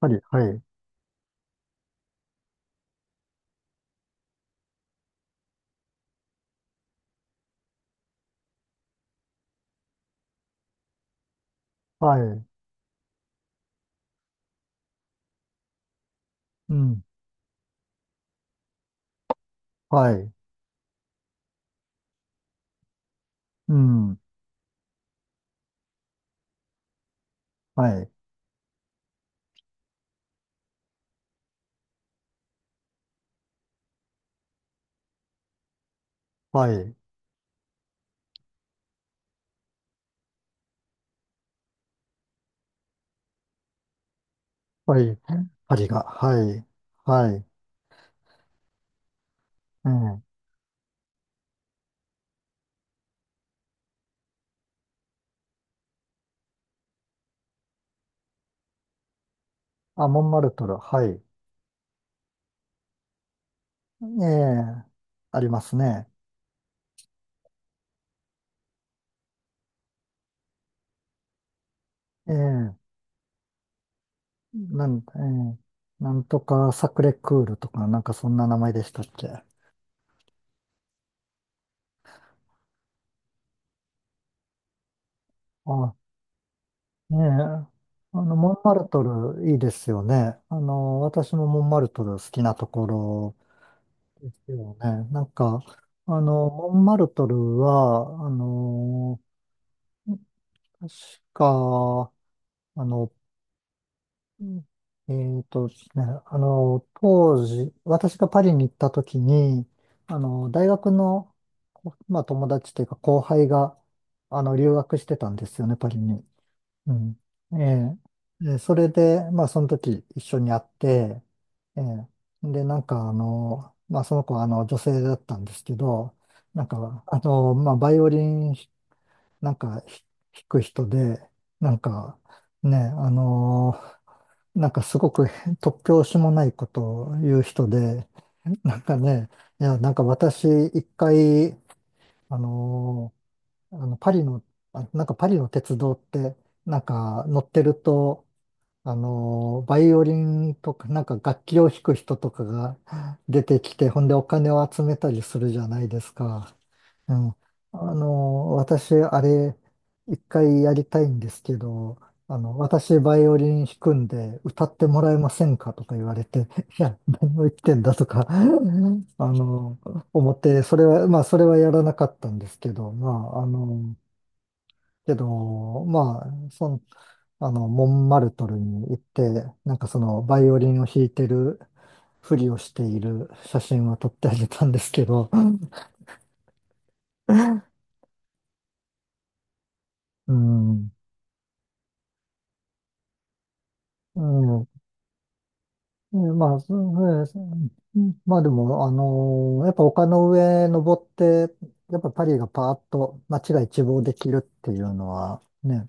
はい、はい、はい、うん、はい、うん、はい、はい、はい、針が、はい、はい、ええ、あ、モンマルトル、はい、ええ、ありますね。ええ、ええ、なんとかサクレクールとか、なんかそんな名前でしたっけ。あ、ねえ、モンマルトルいいですよね。私もモンマルトル好きなところですよね。なんか、モンマルトルは、確か、あの、えーとですね、あの、当時、私がパリに行った時に、大学の、まあ、友達というか後輩が、留学してたんですよね、パリに。うん。ええ、で、それで、まあ、その時一緒に会って、ええ、で、なんか、まあ、その子は、女性だったんですけど、なんか、まあ、バイオリン、なんか、弾く人で、なんか、ね、なんか、すごく突拍子もないことを言う人で、なんかね、いや、なんか私、一回、あのパリの、あ、なんかパリの鉄道って、なんか乗ってると、バイオリンとか、なんか楽器を弾く人とかが出てきて、ほんでお金を集めたりするじゃないですか。うん。私、あれ、一回やりたいんですけど、私、バイオリン弾くんで、歌ってもらえませんかとか言われて、いや、何を言ってんだとか、の、思って、それは、まあ、それはやらなかったんですけど、まあ、けど、まあ、その、モンマルトルに行って、なんかその、バイオリンを弾いてるふりをしている写真は撮ってあげたんですけど、うん、うん、うん、まあ、そうです。うん、まあでも、やっぱ丘の上登って、やっぱパリがパーッと街が一望できるっていうのはね、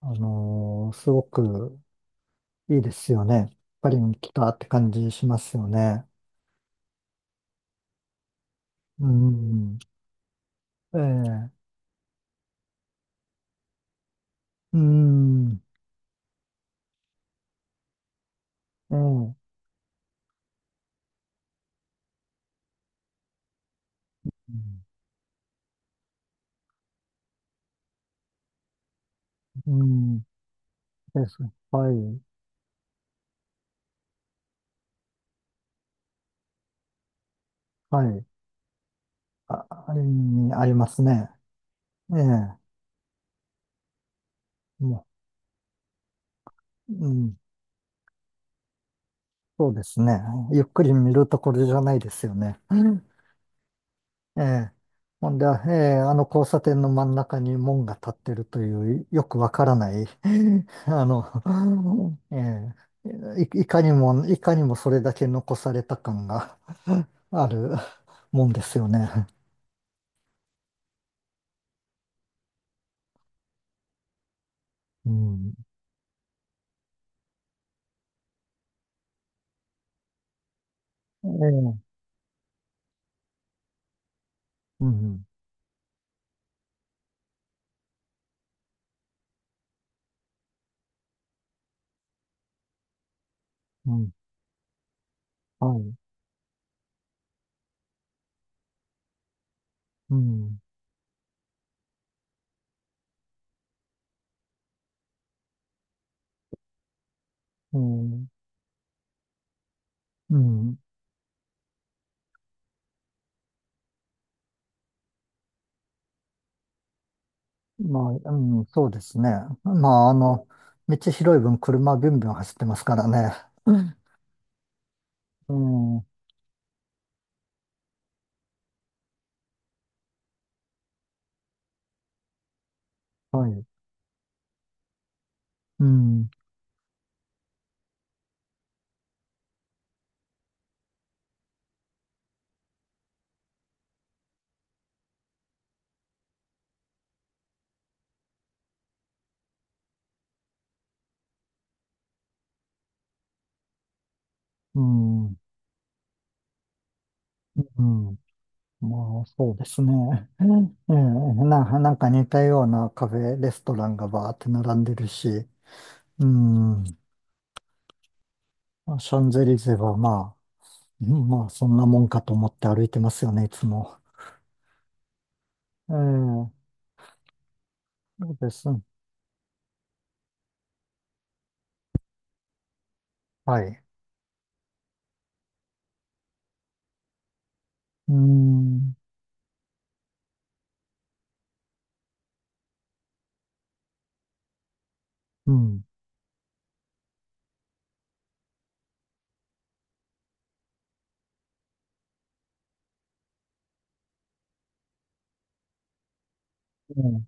すごくいいですよね。パリに来たって感じしますよね。うん。ええ、うん、ええ、うん、です。はい、はい。あ、あれにありますね。ええ、もう、うん、そうですね。ゆっくり見るところじゃないですよね。うん、ええ、ほんで、ええ、あの交差点の真ん中に門が立ってるという、よくわからない、あの、ええ、いかにも、いかにもそれだけ残された感があるもんですよね。うん。ええ、うん、うん、はい、うん、うん、うん、まあ、うん、そうですね。まあ、道広い分車ビュンビュン走ってますからね。うん、うん、はい、うん、うん、うん、まあ、そうですね。うん、ええ、なんか似たようなカフェ、レストランがバーって並んでるし、うん、シャンゼリゼはまあ、うん、まあ、そんなもんかと思って歩いてますよね、いつも。ええ、そうです。はい。うーん、うん、うん、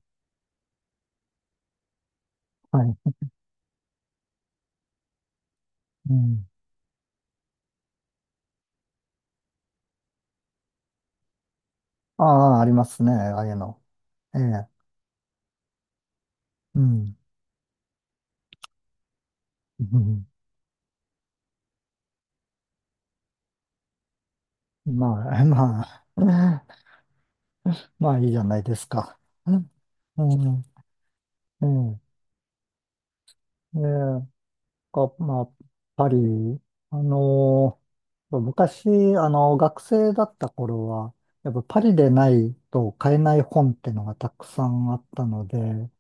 はい、うん。ああ、ありますね、ああいうの。ええ、うん、うん。まあ、まあ、まあいいじゃないですか。うん、うん、ええ、ええ、まあ、パリ、あの昔、学生だった頃は、やっぱパリでないと買えない本ってのがたくさんあったので、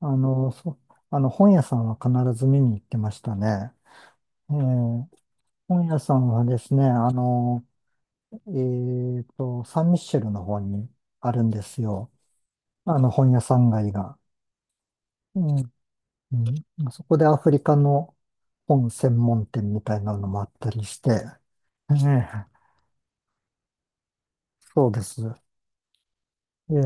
あの、そ、あの、本屋さんは必ず見に行ってましたね。ええ。本屋さんはですね、サンミッシェルの方にあるんですよ。本屋さん街が。うん、うん、そこでアフリカの本専門店みたいなのもあったりして、ええ、そうです。ええ、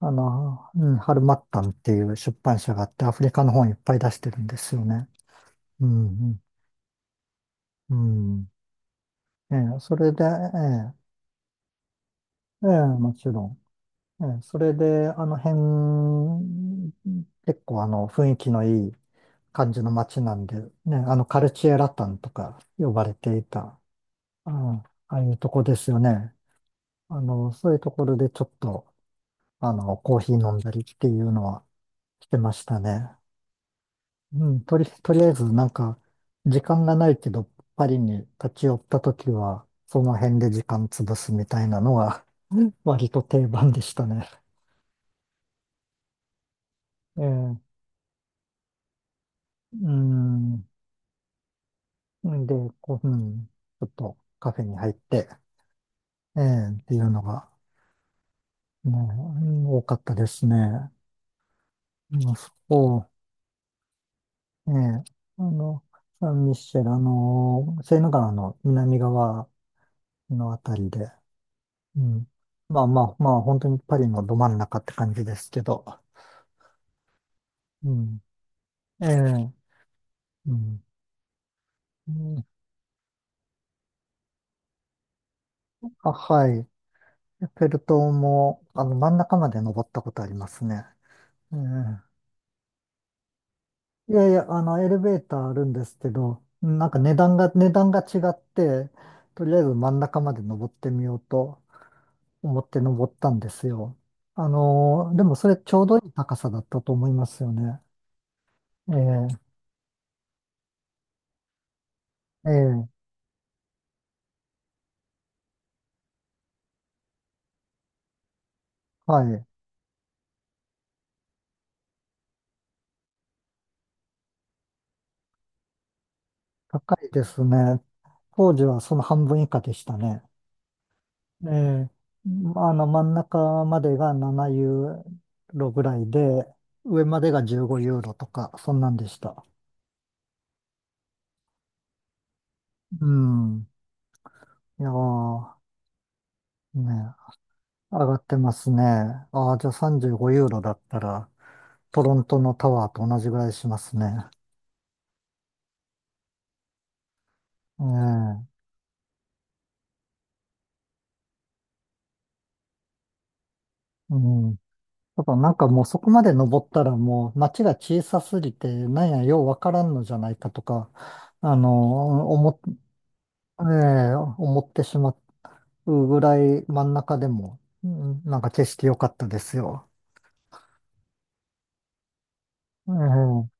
うん、ハルマッタンっていう出版社があって、アフリカの本いっぱい出してるんですよね。うん、うん、うん。ええ、それで、ええ、ええ、もちろん。ええ、それで、あの辺、結構あの雰囲気のいい感じの街なんで、ね、あのカルチエラタンとか呼ばれていた、うん、ああいうとこですよね。そういうところでちょっと、コーヒー飲んだりっていうのはしてましたね。うん、とりあえずなんか、時間がないけど、パリに立ち寄った時は、その辺で時間潰すみたいなのが割と定番でしたね。ええ、うん。うん、で、こう、うん、ちょっとカフェに入って、ええっていうのが、ね、うん、多かったですね。まあ、そう、ええ、あの、サンミッシェル、セーヌ川の南側のあたりで、うん、まあまあまあ、本当にパリのど真ん中って感じですけど、うん、ええ、うん、うん、あ、はい。エッフェル塔も、真ん中まで登ったことありますね。ええ。いやいや、エレベーターあるんですけど、なんか値段が違って、とりあえず真ん中まで登ってみようと思って登ったんですよ。でもそれちょうどいい高さだったと思いますよね。ええ、ええ、はい。高いですね。当時はその半分以下でしたね。ええ、まあの、真ん中までが7ユーロぐらいで、上までが15ユーロとか、そんなんでした。うん。いやーね、上がってますね。ああ、じゃあ35ユーロだったら、トロントのタワーと同じぐらいしますね。ええ、うん。ただなんかもうそこまで登ったらもう街が小さすぎて、なんやようわからんのじゃないかとか、あの、思っ、え思ってしまうぐらい真ん中でも、うん、なんか景色良かったですよ。ええ